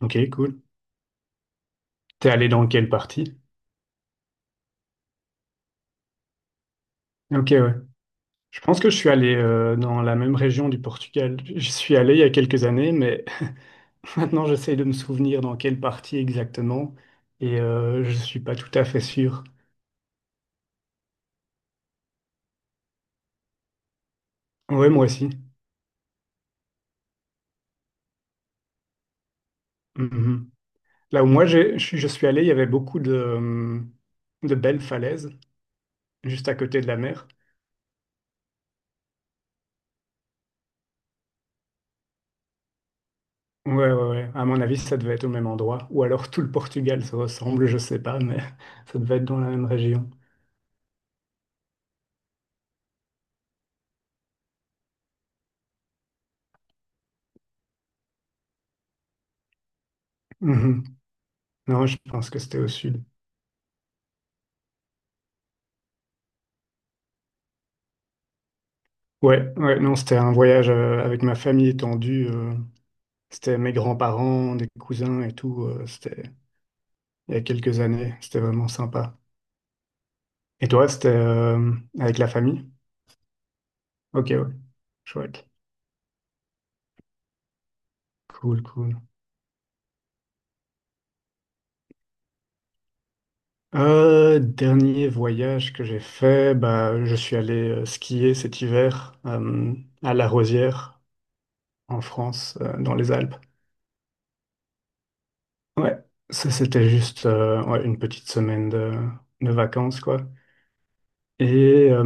Ok, cool. T'es allé dans quelle partie? Ok, ouais. Je pense que je suis allé dans la même région du Portugal. Je suis allé il y a quelques années, mais maintenant j'essaye de me souvenir dans quelle partie exactement et je suis pas tout à fait sûr. Ouais, moi aussi. Mhm. Là où moi je suis allé, il y avait beaucoup de belles falaises juste à côté de la mer. Ouais, ouais, ouais. À mon avis, ça devait être au même endroit. Ou alors tout le Portugal se ressemble, je sais pas, mais ça devait être dans la même région. Mhm. Non, je pense que c'était au sud. Ouais, ouais, non, c'était un voyage avec ma famille étendue. C'était mes grands-parents, des cousins et tout. C'était il y a quelques années. C'était vraiment sympa. Et toi, c'était avec la famille? Ok, ouais, chouette. Cool, cool. Dernier voyage que j'ai fait, bah, je suis allé skier cet hiver à La Rosière, en France, dans les Alpes. Ouais, ça c'était juste ouais, une petite semaine de vacances, quoi. Et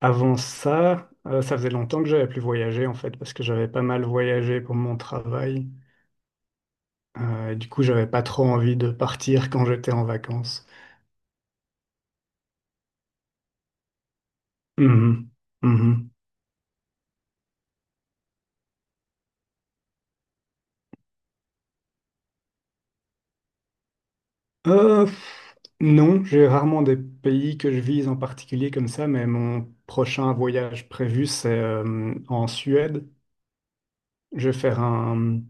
avant ça, ça faisait longtemps que j'avais plus voyagé en fait, parce que j'avais pas mal voyagé pour mon travail. Et du coup, j'avais pas trop envie de partir quand j'étais en vacances. Mhm. Mhm. Euh, pff, non, j'ai rarement des pays que je vise en particulier comme ça, mais mon prochain voyage prévu, c'est en Suède. Je vais faire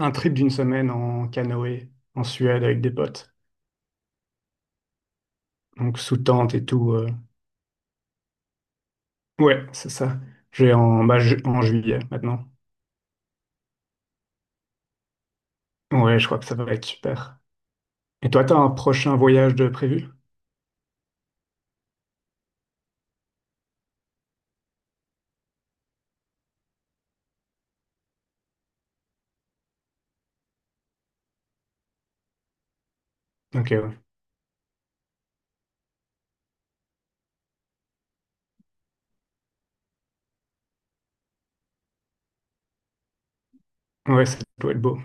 un trip d'une semaine en canoë en Suède avec des potes, donc sous tente et tout. Ouais, c'est ça. J'ai en, bah, ju- En juillet maintenant. Ouais, je crois que ça va être super. Et toi, t'as un prochain voyage de prévu? Ok, ouais. Ouais, ça doit être beau.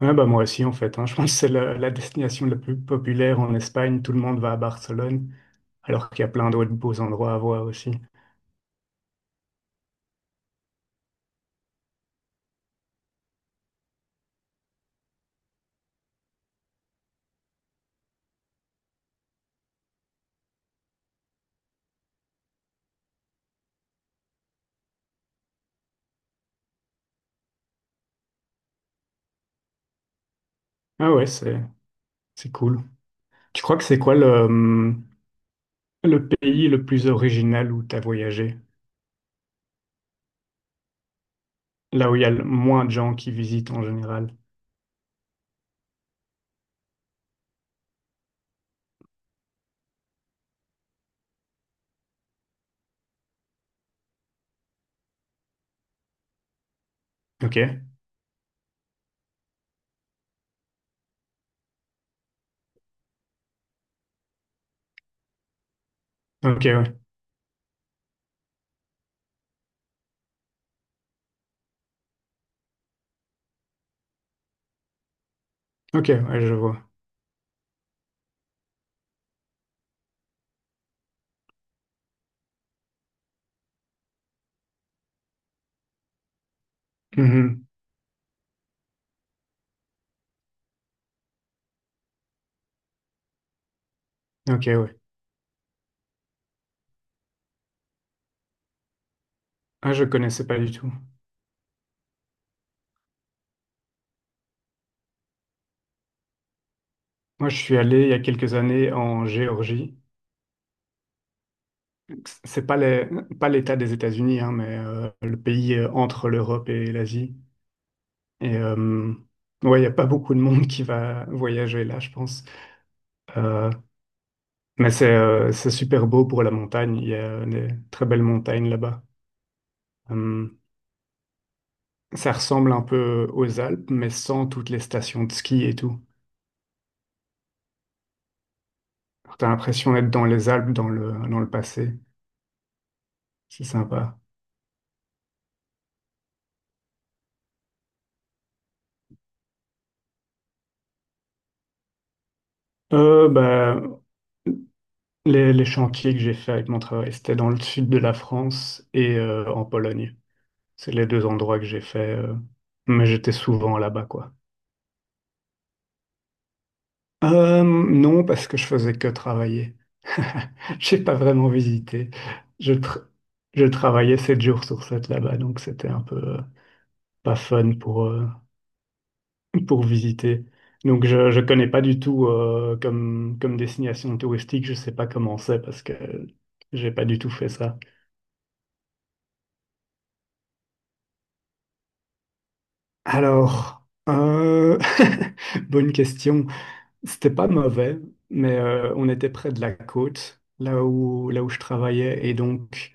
Ouais, bah moi aussi en fait, hein. Je pense que c'est la destination la plus populaire en Espagne. Tout le monde va à Barcelone, alors qu'il y a plein d'autres beaux endroits à voir aussi. Ah ouais, c'est cool. Tu crois que c'est quoi le pays le plus original où tu as voyagé, là où il y a le moins de gens qui visitent en général. Ok, ok, ouais. Ok, ouais, je vois. Mhm. Ok, ouais. Ah, je connaissais pas du tout. Moi, je suis allé il y a quelques années en Géorgie. C'est pas les- Pas l'État des États-Unis, hein, mais le pays entre l'Europe et l'Asie. Et ouais, il n'y a pas beaucoup de monde qui va voyager là, je pense. Euh, mais c'est super beau pour la montagne. Il y a des très belles montagnes là-bas. Ça ressemble un peu aux Alpes, mais sans toutes les stations de ski et tout. Alors, t'as l'impression d'être dans les Alpes, dans le passé. C'est sympa. Bah, les chantiers que j'ai fait avec mon travail, c'était dans le sud de la France et en Pologne. C'est les deux endroits que j'ai fait, mais j'étais souvent là-bas, quoi. Non, parce que je faisais que travailler. J'ai pas vraiment visité. Je, tra- je travaillais 7 jours sur 7 là-bas, donc c'était un peu pas fun pour visiter. Donc je ne connais pas du tout comme, comme destination touristique, je sais pas comment c'est parce que j'ai pas du tout fait ça. Alors, bonne question. C'était pas mauvais, mais on était près de la côte, là où je travaillais, et donc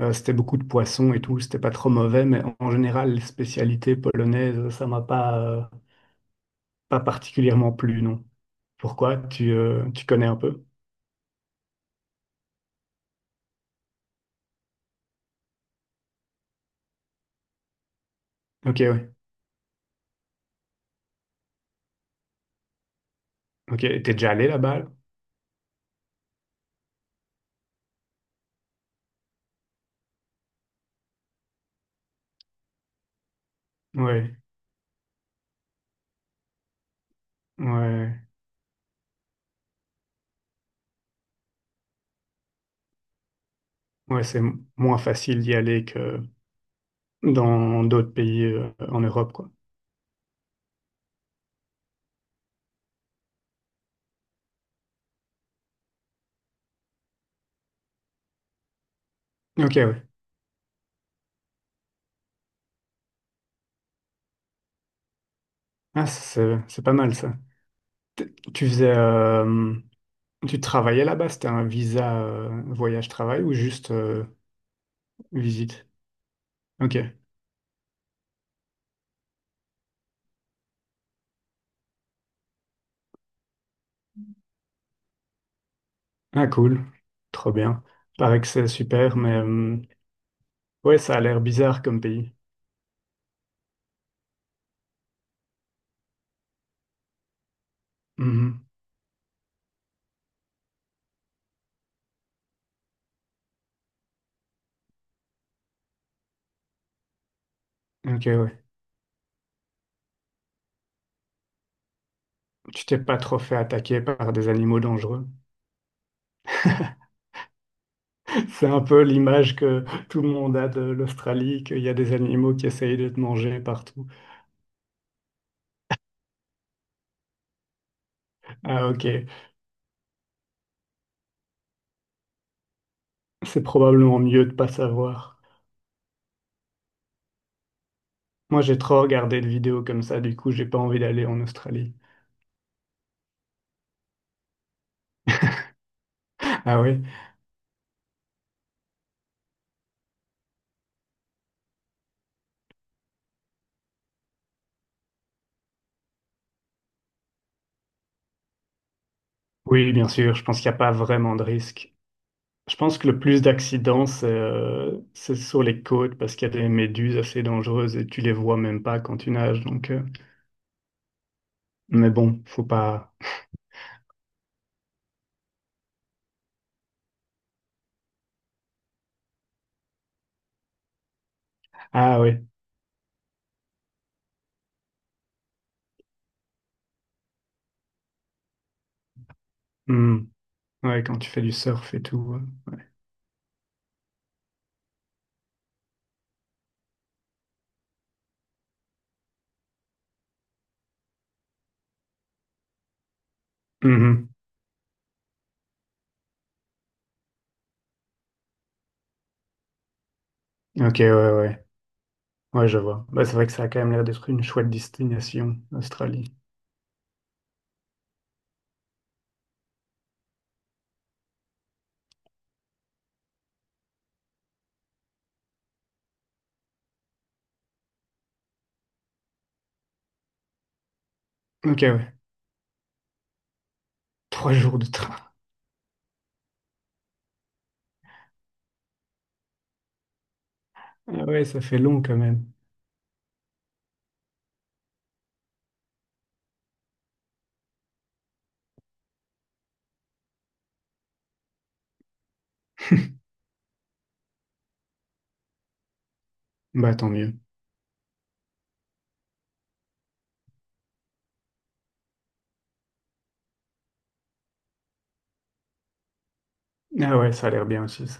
c'était beaucoup de poissons et tout, c'était pas trop mauvais, mais en général, les spécialités polonaises, ça m'a pas, pas particulièrement plu, non. Pourquoi? Tu connais un peu? Ok, ouais. Ok, t'es déjà allé là-bas? Ouais, ouais, ouais, moins facile d'y aller que dans d'autres pays en Europe, quoi. Ok, ouais. Ah, c'est pas mal ça. Tu faisais, tu travaillais là-bas? C'était un visa voyage-travail ou juste visite? Ok. Ah, cool. Trop bien. Paraît que c'est super, mais ouais, ça a l'air bizarre comme pays. Mhm. Ok, ouais. Tu t'es pas trop fait attaquer par des animaux dangereux? C'est un peu l'image que tout le monde a de l'Australie, qu'il y a des animaux qui essayent de te manger partout. Ah ok, c'est probablement mieux de pas savoir. Moi j'ai trop regardé de vidéos comme ça, du coup j'ai pas envie d'aller en Australie. Ah oui? Oui, bien sûr, je pense qu'il n'y a pas vraiment de risque. Je pense que le plus d'accidents, c'est sur les côtes parce qu'il y a des méduses assez dangereuses et tu les vois même pas quand tu nages. Donc, mais bon, faut pas. Ah oui. Hmm. Ouais, quand tu fais du surf et tout, ouais. Mhm. Ok, ouais, ouais. Ouais, je vois. Bah, c'est vrai que ça a quand même l'air d'être une chouette destination, l'Australie. Ok, ouais. Trois jours de train. Ah ouais, ça fait long quand même. Bah, tant mieux. Ah ouais, ça a l'air bien aussi, ça.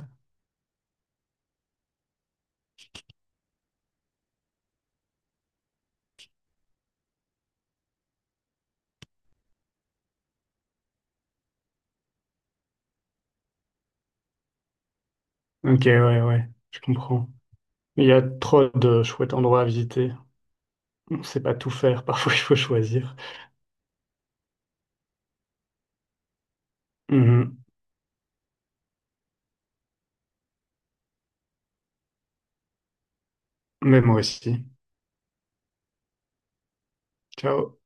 Ok, ouais, ouais, je comprends. Il y a trop de chouettes endroits à visiter. On ne sait pas tout faire, parfois il faut choisir. Mhm. Mais moi aussi. Ciao.